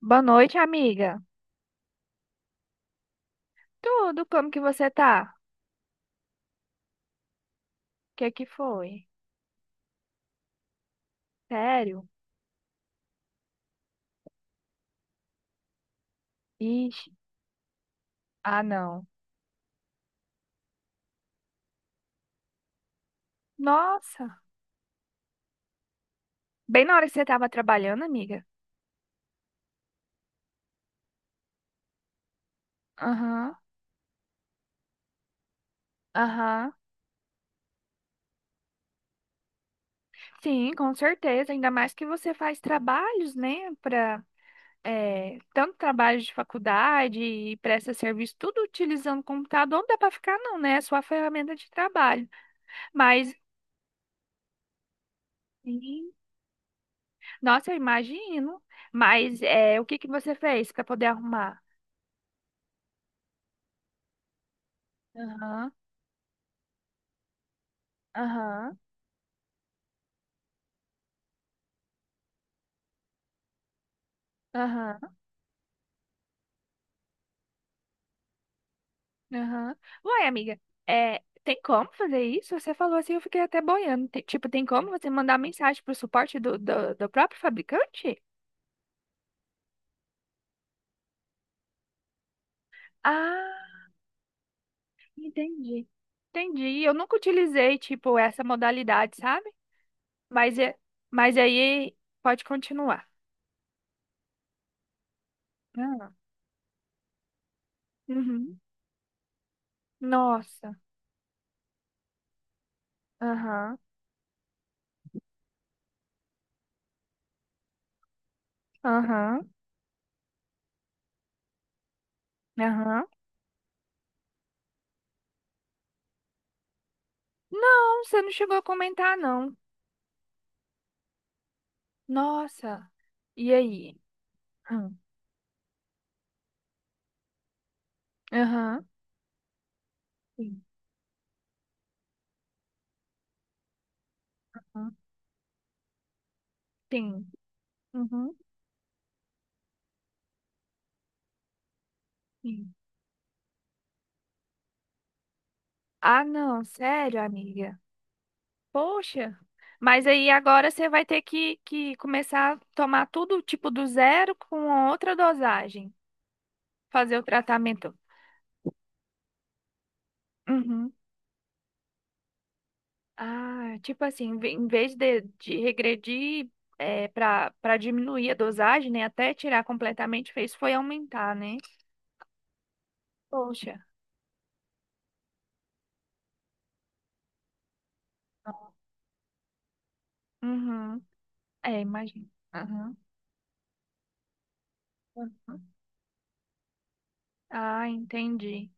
Boa noite, amiga. Tudo, como que você tá? O que é que foi? Sério? Ixi, ah, não. Nossa, bem na hora que você tava trabalhando, amiga? Aham, aham. Sim, com certeza. Ainda mais que você faz trabalhos, né? Pra, tanto trabalho de faculdade e presta serviço, tudo utilizando o computador. Não dá pra ficar, não, né? É sua ferramenta de trabalho. Mas, sim, nossa, eu imagino. Mas, o que que você fez pra poder arrumar? Aham. Aham, aham, aham. Uai, amiga, tem como fazer isso? Você falou assim, eu fiquei até boiando. Tipo, tem como você mandar mensagem pro suporte do próprio fabricante? Ah, entendi. Entendi. Eu nunca utilizei, tipo, essa modalidade, sabe? Mas, é, mas aí pode continuar. Ah. Uhum. Nossa. Aham, aham, aham. Não, você não chegou a comentar, não. Nossa. E aí? Hum. Aham. Hum, sim. Uhum. Sim. Ah, não, sério, amiga. Poxa, mas aí agora você vai ter que começar a tomar tudo tipo do zero com outra dosagem, fazer o tratamento. Uhum. Ah, tipo assim, em vez de regredir para diminuir a dosagem, né, até tirar completamente, fez foi aumentar, né? Poxa. Uhum. É, imagina. Uhum. Uhum. Ah, entendi.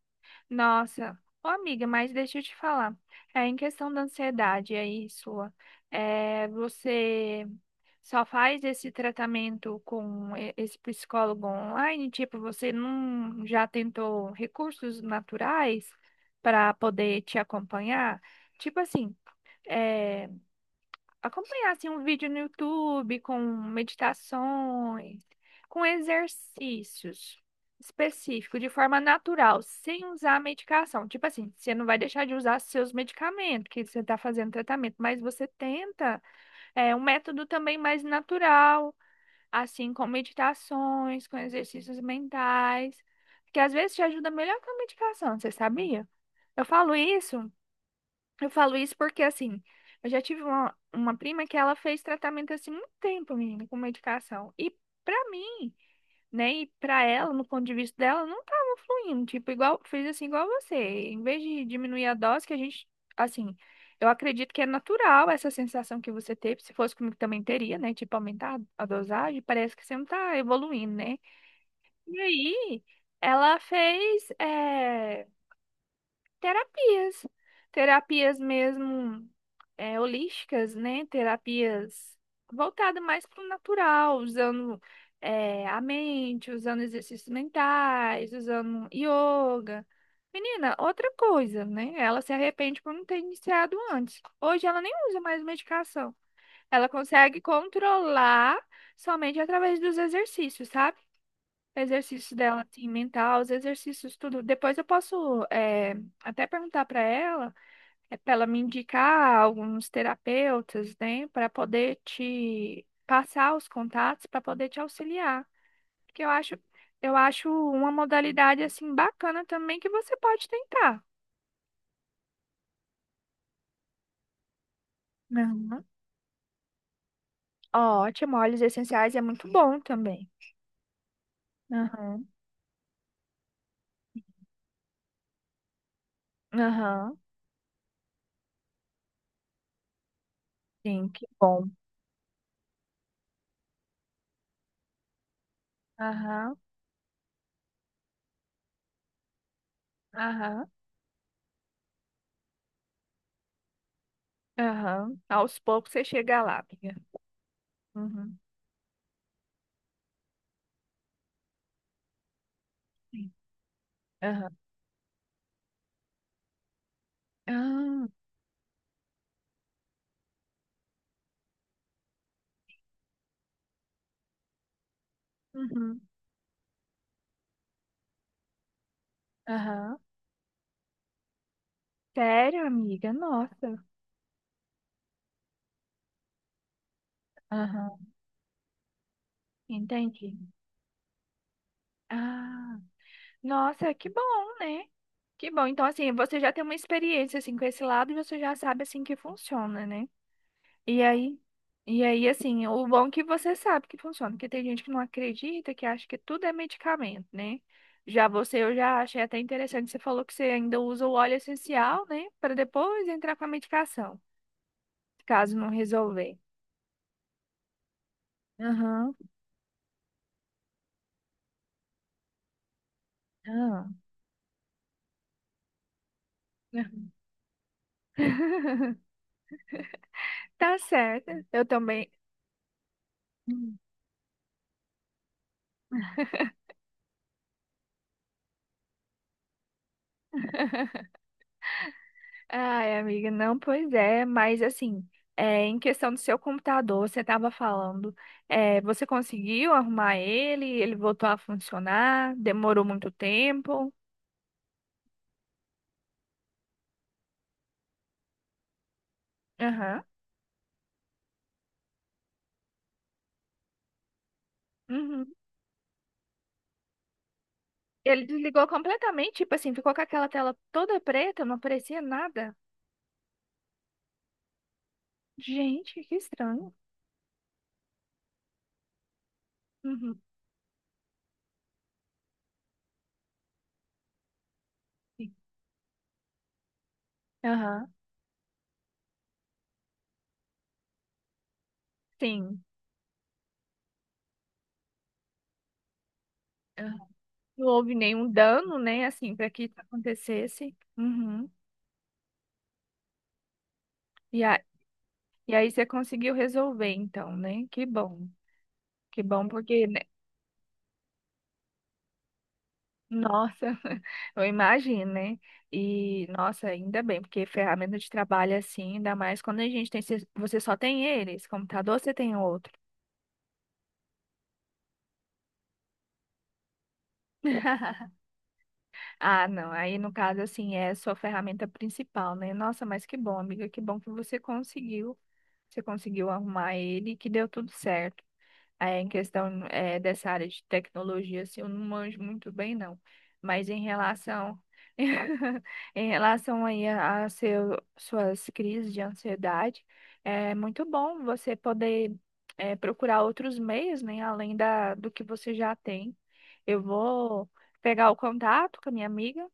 Nossa, ô amiga, mas deixa eu te falar. É, em questão da ansiedade aí sua, você só faz esse tratamento com esse psicólogo online? Tipo, você não já tentou recursos naturais para poder te acompanhar? Tipo assim, é, acompanhar assim, um vídeo no YouTube com meditações, com exercícios específicos, de forma natural, sem usar medicação. Tipo assim, você não vai deixar de usar seus medicamentos, que você está fazendo tratamento, mas você tenta um método também mais natural, assim, com meditações, com exercícios mentais, que às vezes te ajuda melhor que a medicação, você sabia? Eu falo isso. Eu falo isso porque, assim, eu já tive uma prima que ela fez tratamento assim muito tempo, menina, com medicação. E pra mim, né, e pra ela, no ponto de vista dela, não tava fluindo. Tipo, igual, fez assim igual você. Em vez de diminuir a dose, que a gente, assim, eu acredito que é natural essa sensação que você teve. Se fosse comigo também teria, né? Tipo, aumentar a dosagem, parece que você não tá evoluindo, né? E aí, ela fez. Terapias. Terapias mesmo holísticas, né? Terapias voltadas mais para o natural, usando a mente, usando exercícios mentais, usando yoga. Menina, outra coisa, né? Ela se arrepende por não ter iniciado antes. Hoje ela nem usa mais medicação. Ela consegue controlar somente através dos exercícios, sabe? Exercício dela, assim, mental, os exercícios, tudo. Depois eu posso até perguntar para ela, para ela me indicar alguns terapeutas, né, para poder te passar os contatos, para poder te auxiliar. Porque eu acho uma modalidade, assim, bacana também que você pode tentar. Aham. Ótimo, óleos essenciais é muito bom também. Aham, aham, sim, que bom. Aham, aham, aham. Aos poucos você chega lá, amiga. Uhum. Sim. Aham. Ah, uhum. Aham. Sério, amiga? Nossa, aham, entendi. Ah, nossa, que bom, né? Que bom. Então, assim, você já tem uma experiência, assim, com esse lado e você já sabe, assim, que funciona, né? E aí, e aí, assim, o bom é que você sabe que funciona, porque tem gente que não acredita, que acha que tudo é medicamento, né? Já você, eu já achei até interessante, você falou que você ainda usa o óleo essencial, né? Para depois entrar com a medicação, caso não resolver. Aham. Ah. Tá certo, eu também. Hum. Ai, amiga, não, pois é, mas assim, em questão do seu computador, você estava falando, você conseguiu arrumar ele? Ele voltou a funcionar? Demorou muito tempo? Aham. Uhum. Ele desligou completamente, tipo assim, ficou com aquela tela toda preta, não aparecia nada. Gente, que estranho. Uhum. Sim. Aham. Sim. Não houve nenhum dano, né? Assim, para que isso acontecesse. Uhum. E, a, e aí você conseguiu resolver, então, né? Que bom. Que bom, porque, né? Nossa, eu imagino, né? E, nossa, ainda bem, porque ferramenta de trabalho assim, ainda mais quando a gente tem. Você só tem eles, computador você tem outro. Ah, não. Aí, no caso, assim, é a sua ferramenta principal, né? Nossa, mas que bom, amiga, que bom que você conseguiu. Você conseguiu arrumar ele e que deu tudo certo. É, em questão dessa área de tecnologia, assim, eu não manjo muito bem, não. Mas em relação, em relação aí a seu, suas crises de ansiedade, é muito bom você poder procurar outros meios, né, além da, do que você já tem. Eu vou pegar o contato com a minha amiga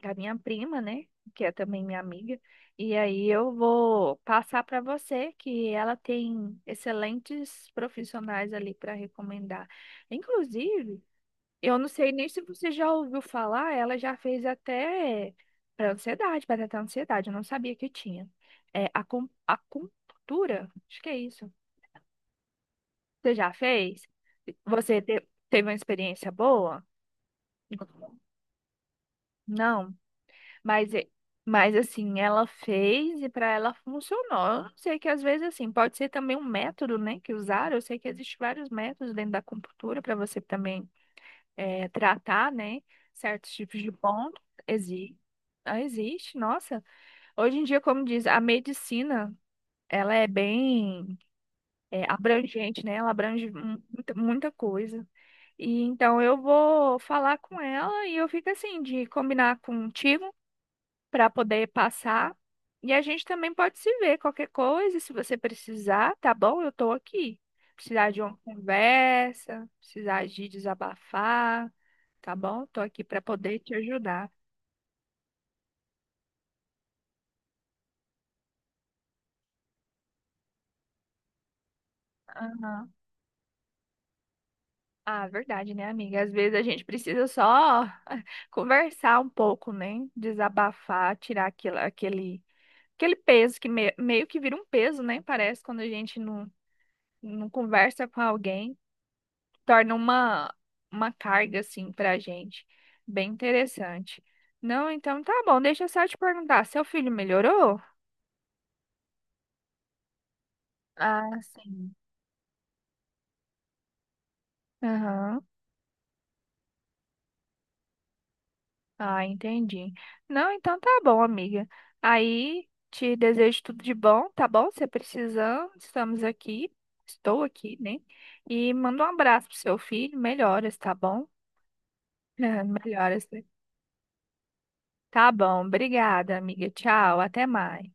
da minha prima, né? Que é também minha amiga. E aí eu vou passar para você que ela tem excelentes profissionais ali para recomendar. Inclusive, eu não sei nem se você já ouviu falar, ela já fez até para ansiedade, para tratar ansiedade, eu não sabia que tinha. É acupuntura, acho que é isso. Você já fez? Teve uma experiência boa? Não. Mas, é, mas assim, ela fez e para ela funcionou. Eu não sei que às vezes assim, pode ser também um método, né, que usaram. Eu sei que existem vários métodos dentro da acupuntura para você também tratar, né, certos tipos de pontos. Existe. Ah, existe, nossa. Hoje em dia, como diz, a medicina, ela é bem abrangente, né? Ela abrange muita, muita coisa. E então eu vou falar com ela e eu fico assim, de combinar contigo para poder passar. E a gente também pode se ver qualquer coisa, se você precisar, tá bom? Eu tô aqui. Precisar de uma conversa, precisar de desabafar, tá bom? Tô aqui para poder te ajudar. Aham. Ah, verdade, né, amiga? Às vezes a gente precisa só conversar um pouco, né? Desabafar, tirar aquilo, aquele, aquele peso que meio que vira um peso, né? Parece quando a gente não, não conversa com alguém. Torna uma carga, assim, pra gente. Bem interessante. Não, então tá bom. Deixa eu só te perguntar, seu filho melhorou? Ah, sim. Aham. Ah, entendi. Não, então tá bom, amiga. Aí te desejo tudo de bom, tá bom? Se precisando, estamos aqui. Estou aqui, né? E manda um abraço pro seu filho. Melhoras, tá bom? Ah, melhoras. Tá bom. Obrigada, amiga. Tchau. Até mais.